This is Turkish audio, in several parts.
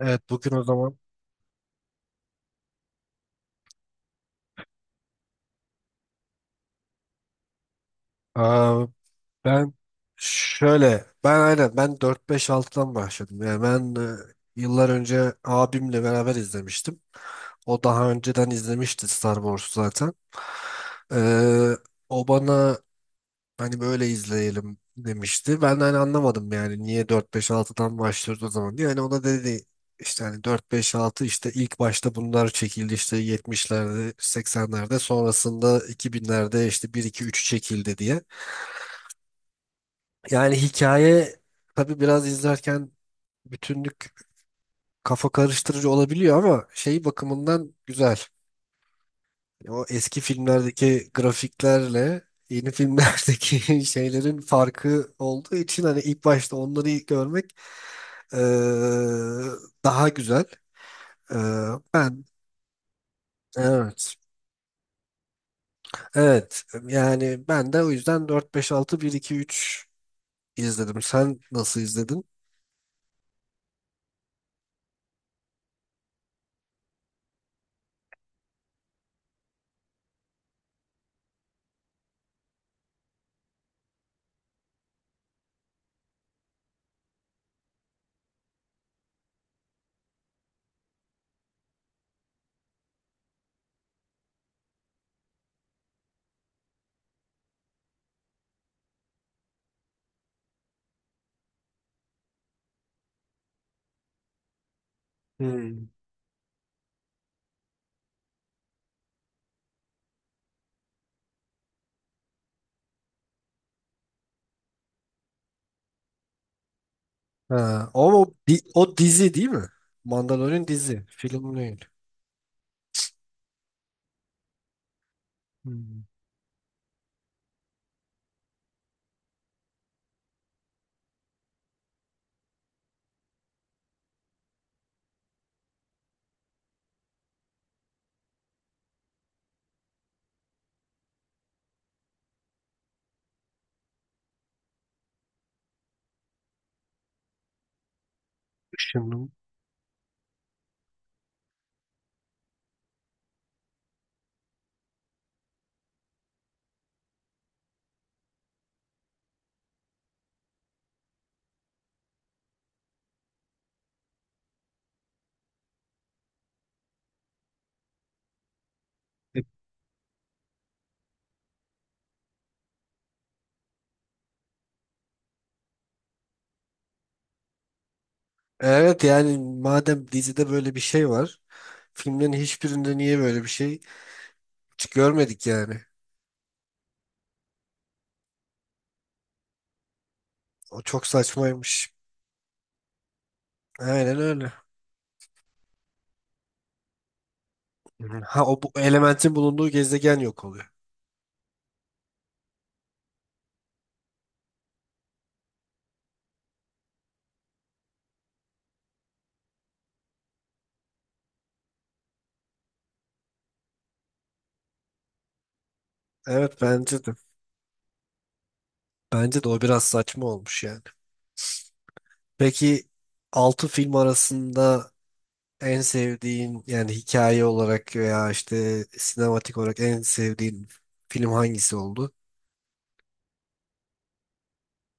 Evet, bugün o zaman. Aa, ben şöyle ben aynen ben dört beş 6'dan başladım. Yani ben, yıllar önce abimle beraber izlemiştim. O daha önceden izlemişti Star Wars'u zaten. Ee, O bana hani böyle izleyelim demişti. Ben de hani anlamadım yani niye dört beş altıdan başlıyoruz o zaman diye. Hani ona dedi işte hani dört beş altı işte ilk başta bunlar çekildi, işte 70'lerde, 80'lerde, sonrasında 2000'lerde işte bir iki 3 çekildi diye. Yani hikaye, tabii biraz izlerken bütünlük kafa karıştırıcı olabiliyor ama şey bakımından güzel. O eski filmlerdeki grafiklerle yeni filmlerdeki şeylerin farkı olduğu için hani ilk başta onları ilk görmek eee, daha güzel. Ben evet. Evet. Yani ben de o yüzden dört beş altı bir iki üç izledim. Sen nasıl izledin? Hmm. Ha, ama o dizi değil mi? Mandalorian dizi, film değil. Hmm. Şimdi. Evet, yani madem dizide böyle bir şey var, filmlerin hiçbirinde niye böyle bir şey hiç görmedik yani. O çok saçmaymış. Aynen öyle. Ha, o bu elementin bulunduğu gezegen yok oluyor. Evet, bence de. Bence de o biraz saçma olmuş yani. Peki, 6 film arasında en sevdiğin yani hikaye olarak veya işte sinematik olarak en sevdiğin film hangisi oldu?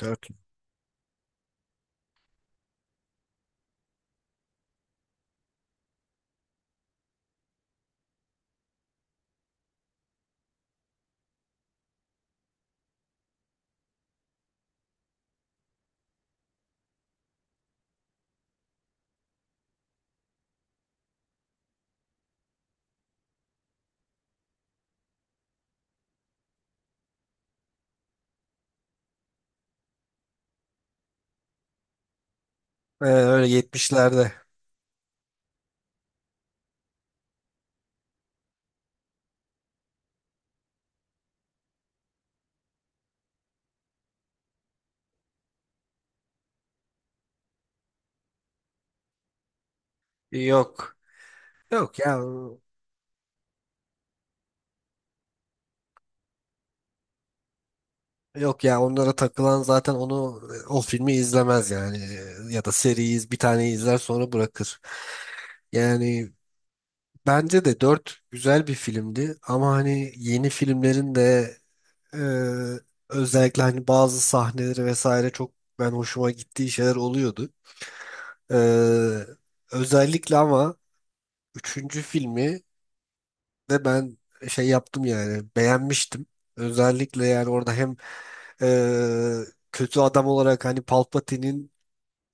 4. Öyle, 70'lerde. Yok. Yok ya. Yok ya, onlara takılan zaten o filmi izlemez yani. Ya da bir tane izler, sonra bırakır. Yani bence de 4 güzel bir filmdi ama hani yeni filmlerin de, e, özellikle hani bazı sahneleri vesaire, çok ben hoşuma gittiği şeyler oluyordu. E, Özellikle ama üçüncü filmi de ben şey yaptım yani beğenmiştim. Özellikle yani orada hem e, kötü adam olarak hani Palpatine'in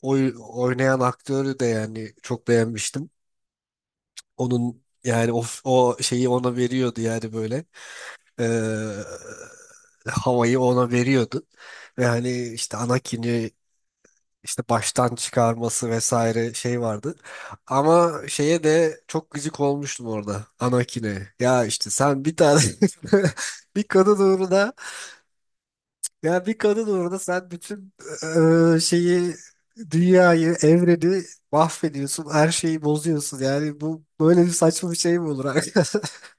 oynayan aktörü de yani çok beğenmiştim. Onun yani o şeyi ona veriyordu yani böyle, eee, havayı ona veriyordu. Ve hani işte Anakin'i işte baştan çıkarması vesaire şey vardı. Ama şeye de çok gıcık olmuştum orada, Anakin'e. Ya işte sen bir tane bir kadın uğruna, ya bir kadın orada sen bütün şeyi, dünyayı, evreni mahvediyorsun, her şeyi bozuyorsun. Yani bu böyle bir saçma bir şey mi olur arkadaş?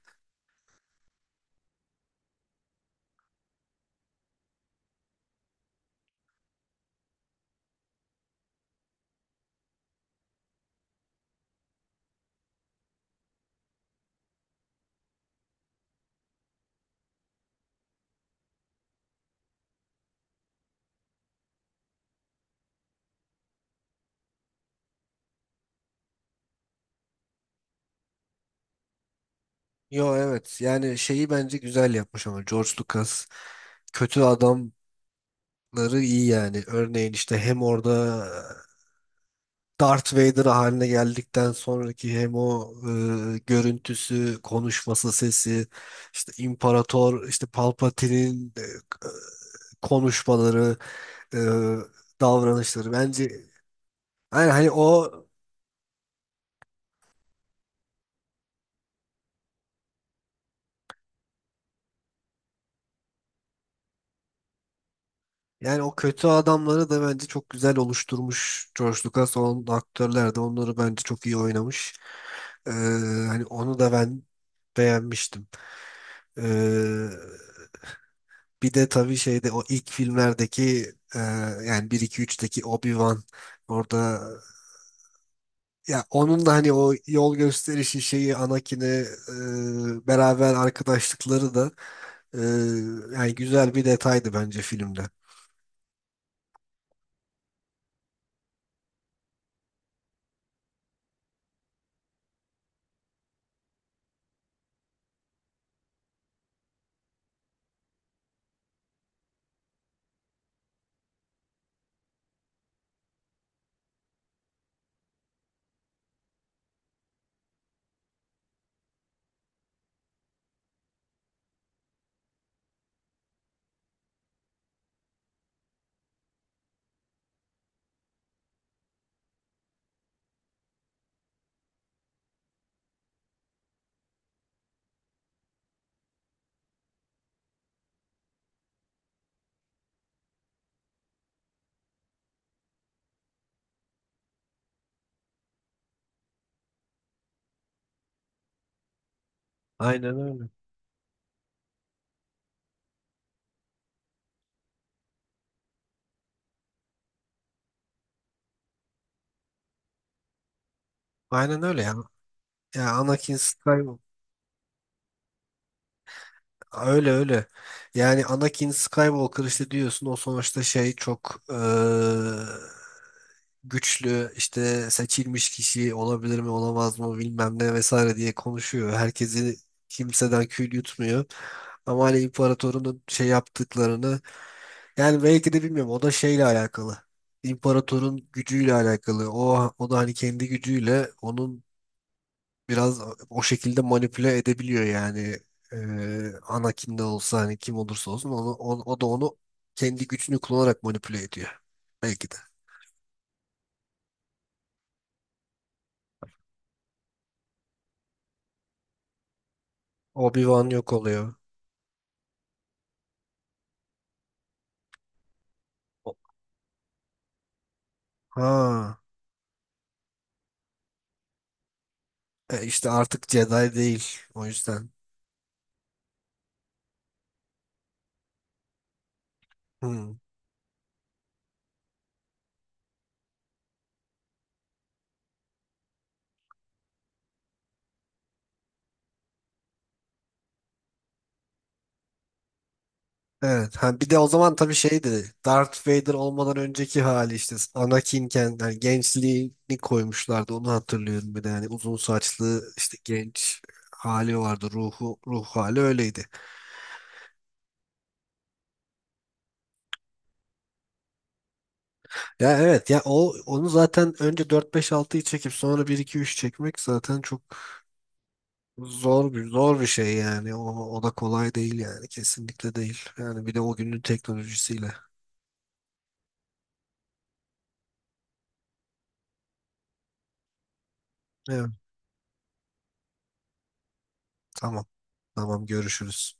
Yo, evet yani şeyi bence güzel yapmış ama George Lucas kötü adamları iyi yani. Örneğin işte hem orada, Darth Vader haline geldikten sonraki, hem o, görüntüsü, konuşması, sesi, işte İmparator, işte Palpatine'in, konuşmaları, e, davranışları. Bence yani hani o kötü adamları da bence çok güzel oluşturmuş George Lucas. O aktörler de onları bence çok iyi oynamış. E, Hani onu da ben beğenmiştim. E, Bir de tabii şeyde o ilk filmlerdeki, yani bir 2 üçteki Obi-Wan orada, ya onun da hani o yol gösterişi şeyi Anakin'e, e, beraber arkadaşlıkları da, e, yani güzel bir detaydı bence filmde. Aynen öyle. Aynen öyle ya. Ya Anakin Skywalker. Öyle öyle. Yani Anakin Skywalker işte diyorsun o sonuçta şey çok güçlü işte seçilmiş kişi olabilir mi olamaz mı bilmem ne vesaire diye konuşuyor. Kimseden kül yutmuyor. Ama hani imparatorunun şey yaptıklarını, yani belki de bilmiyorum, o da şeyle alakalı. İmparatorun gücüyle alakalı. O da hani kendi gücüyle onun biraz o şekilde manipüle edebiliyor yani. Anakin de olsa hani kim olursa olsun onu, o da onu kendi gücünü kullanarak manipüle ediyor belki de. Obi-Wan yok oluyor. O- Ha, işte artık Jedi değil o yüzden. Hmm. Evet. Ha, bir de o zaman tabii şeydi. Darth Vader olmadan önceki hali işte Anakin'ken, yani gençliğini koymuşlardı. Onu hatırlıyorum bir de, yani uzun saçlı işte genç hali vardı. Ruh hali öyleydi. Ya evet ya, o onu zaten önce 4 5 altıyı çekip sonra bir 2 3 çekmek zaten çok zor bir şey yani. O da kolay değil yani, kesinlikle değil. Yani bir de o günün teknolojisiyle. Evet, tamam. Tamam, görüşürüz.